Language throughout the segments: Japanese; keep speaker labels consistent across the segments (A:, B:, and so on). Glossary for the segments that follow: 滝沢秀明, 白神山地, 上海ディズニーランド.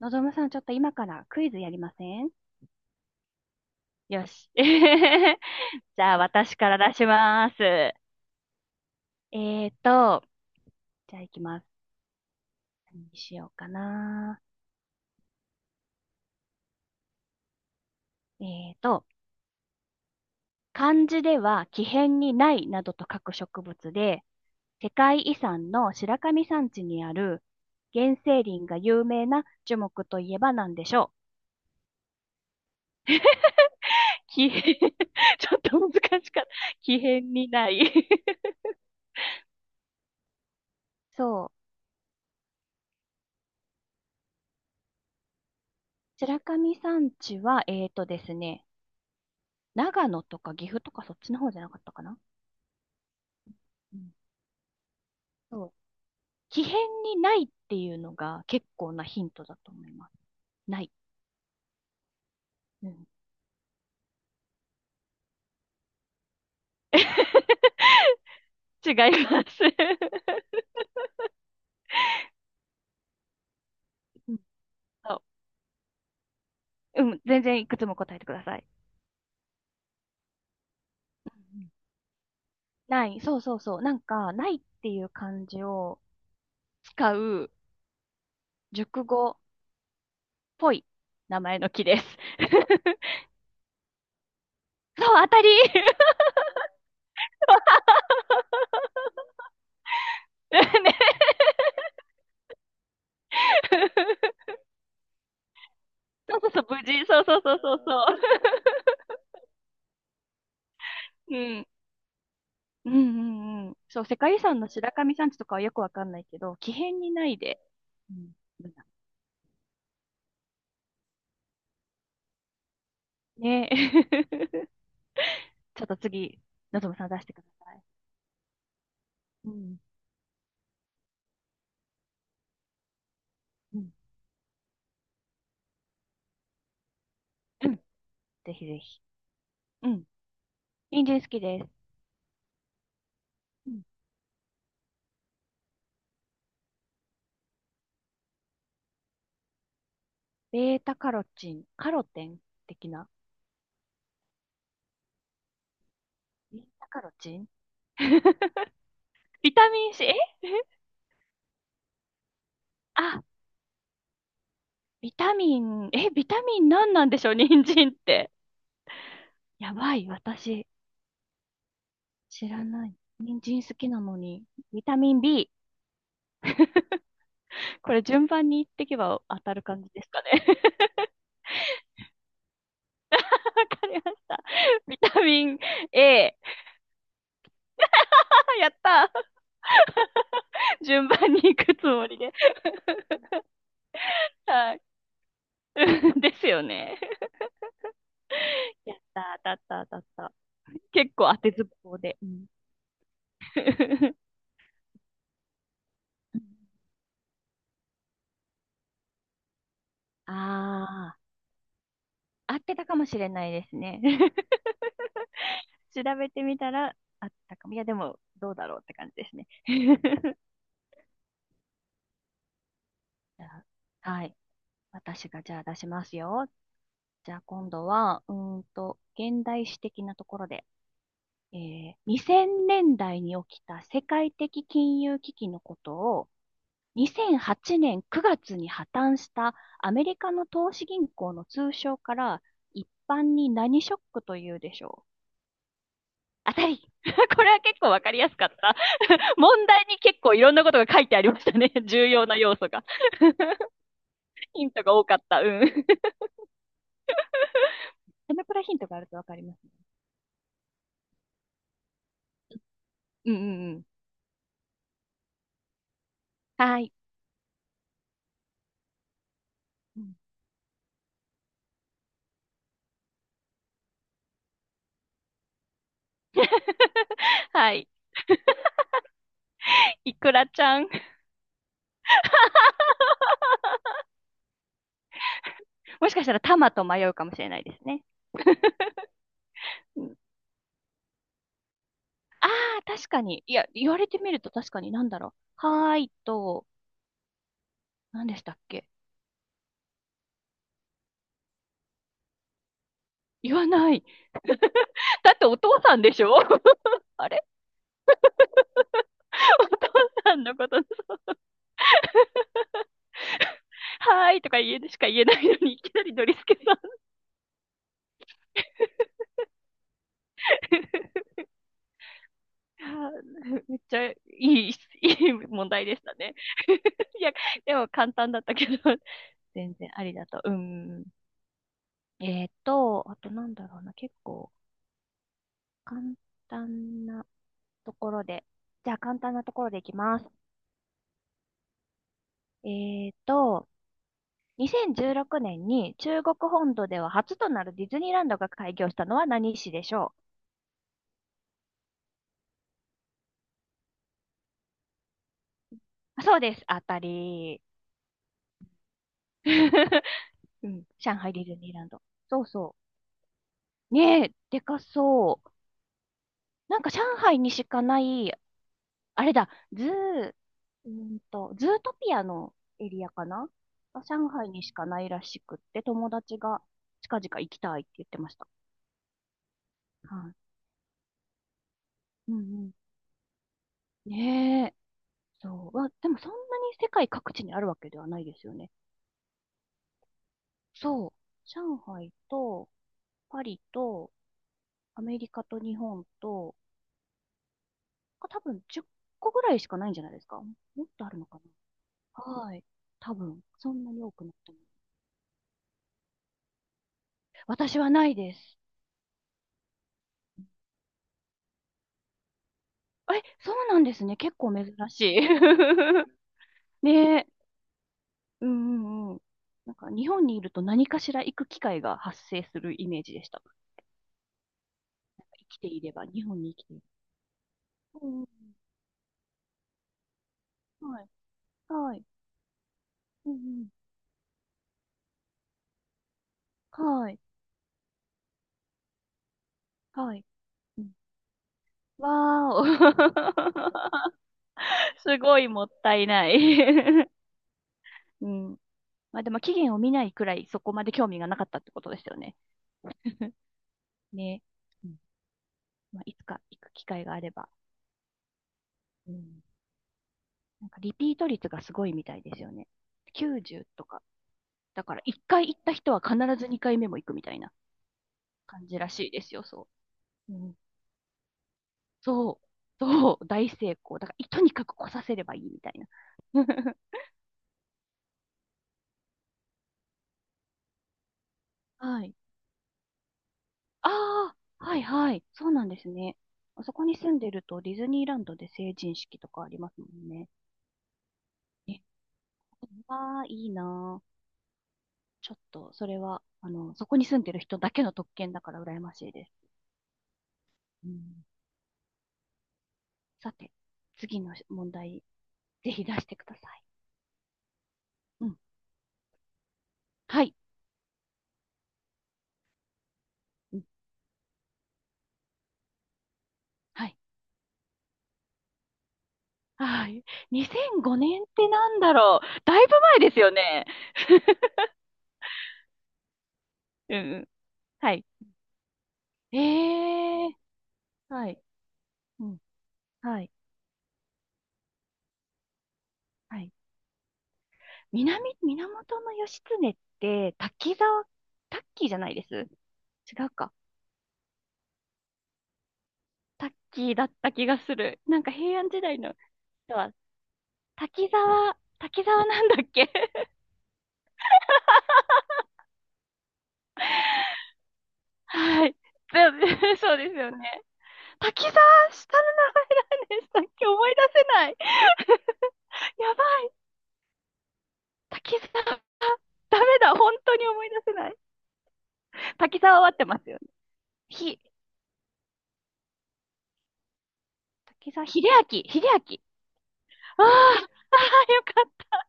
A: のぞむさん、ちょっと今からクイズやりません？よし。じゃあ、私から出します。ーと、じゃあ行きます。何にしようかな。えーと、漢字では木偏にないなどと書く植物で、世界遺産の白神山地にある原生林が有名な樹木といえば何でしょう？木偏 ちょっと難しかった。木偏にない。 そう。白神山地は、えーとですね、長野とか岐阜とかそっちの方じゃなかったかな。うん、そう。奇変にないっていうのが結構なヒントだと思います。ない。うん、違います。うん、そう。うん、全然いくつも答えてください。うんうん、ない、そう。なんか、ないっていう漢字を使う熟語っぽい名前の木です。そう、当たり。 ね。そう、無事。そう。うん。うんうんうん。そう、世界遺産の白神山地とかはよくわかんないけど、奇変にないで。うん、ねえ。ちょっと次、のぞむさん出してください。うん。うん。うん。ぜひぜひ。うん。人参好きです。うん。ベータカロチン、カロテン的な。ベータカロチン。 ビタミン C、え、あ、ビタミン、え、ビタミン何なんでしょう、人参って。やばい、私、知らない。人参好きなのに、ビタミン B。これ順番に言っていけば当たる感じですかね。わかりました。ビタミン A。あ、やったー。 順番に行くつもりで。はい。ですよね。やったー、当たった。結構当てずっぽうで。うん。 ああ、合ってたかもしれないですね。調べてみたら合ってたかも。いや、でも、どうだろうって感じですね。じゃあ、はい。私がじゃあ出しますよ。じゃあ今度は、現代史的なところで、2000年代に起きた世界的金融危機のことを、2008年9月に破綻したアメリカの投資銀行の通称から一般に何ショックというでしょう？当たり。 これは結構わかりやすかった。問題に結構いろんなことが書いてありましたね。重要な要素が。ヒントが多かった。うん。このくヒントがあるとわかります。うんうんうん。はい。うん。 はい。いくらちゃん。もしかしたらタマと迷うかもしれないですね。うん、ああ、確かに。いや、言われてみると確かになんだろう。はーいと、何でしたっけ？言わない。だってお父さんでしょ。 あれ、お父さんのこと、はーいとか言えしか言えないのに、いきなりノリスケさん。あー、めっちゃいい、いい問題でしたね。いや、でも簡単だったけど、全然ありだと。うん、あとなんだろうな、結構簡単なところで。じゃあ簡単なところでいきます。えっと、2016年に中国本土では初となるディズニーランドが開業したのは何市でしょう？あ、そうです。当たり。うん、上海ディズニーランド。そうそう。ねえ、でかそう。なんか上海にしかないあれだ、ズー、ズートピアのエリアかな、あ、上海にしかないらしくって、友達が近々行きたいって言ってました。はい。うんうん。ねえ。そう。まあ、でもそんなに世界各地にあるわけではないですよね。そう。上海と、パリと、アメリカと日本と、あ、多分10個ぐらいしかないんじゃないですか？もっとあるのかな。はい。多分、そんなに多くなっても。私はないです。え、そうなんですね。結構珍しい。ねえ。うんうんうん。なんか日本にいると何かしら行く機会が発生するイメージでした。生きていれば、日本に生きていれば。うんうん。はい。はい。うんうん。はい。はい。うん、わーお。すごいもったいない。 うん。まあでも期限を見ないくらいそこまで興味がなかったってことですよね。ね。うん、まあ、いつか行く機会があれば。うん、なんかリピート率がすごいみたいですよね。90とか。だから1回行った人は必ず2回目も行くみたいな感じらしいですよ、そう。うん、そう、そう、大成功。だから、い とにかく来させればいいみたいな。はい。ああ、はいはい。そうなんですね。あそこに住んでるとディズニーランドで成人式とかありますもんね。え、ああ、いいなあ。ちょっと、それは、あの、そこに住んでる人だけの特権だから羨ましいです。うん、さて、次の問題ぜひ出してください。うん、はい、うん。はい。はい。2005年ってなんだろう。だいぶ前ですよね。うんうん。はい。ええ、はい。うん。はい。はい。南、源義経って、滝沢、タッキーじゃないです。違うか。タッキーだった気がする。なんか平安時代の人は、滝沢なんだっけ。 はい。そう。 そうですよね。滝沢、下の名前なんです。さっき思い出せない。やばい。滝沢、ダメだ。本当に思い出せない。滝沢は合ってますよね。ひ、滝沢、秀明。ああ、ああ、よかった。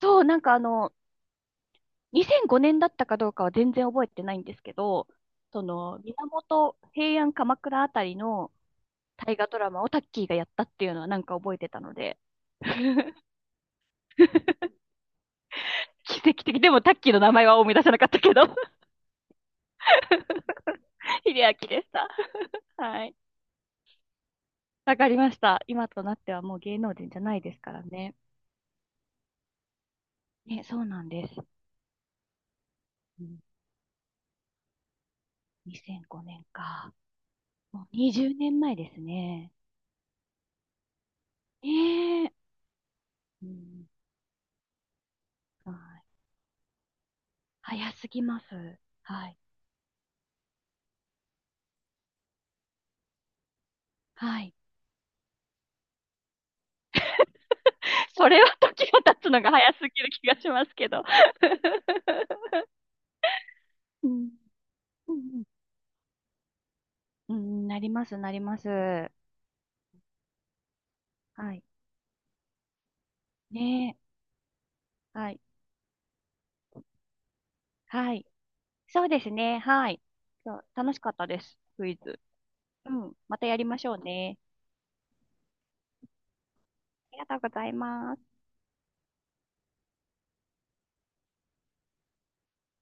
A: そう、なんかあの、2005年だったかどうかは全然覚えてないんですけど、その、源平安鎌倉あたりの大河ドラマをタッキーがやったっていうのはなんか覚えてたので、奇跡的。でもタッキーの名前は思い出せなかったけど。 秀明でした。はい。わかりました。今となってはもう芸能人じゃないですからね。ね、そうなんです。うん、2005年か。もう20年前ですね。ねえ。うん、はい。早すぎます。はい。はい。それは時が経つのが早すぎる気がしますけど。うん。うん、うんうん、なります、なります。はい。ねえ。はい。はい。そうですね。はい。そう、楽しかったです。クイズ。うん。またやりましょうね。ありがとうございます。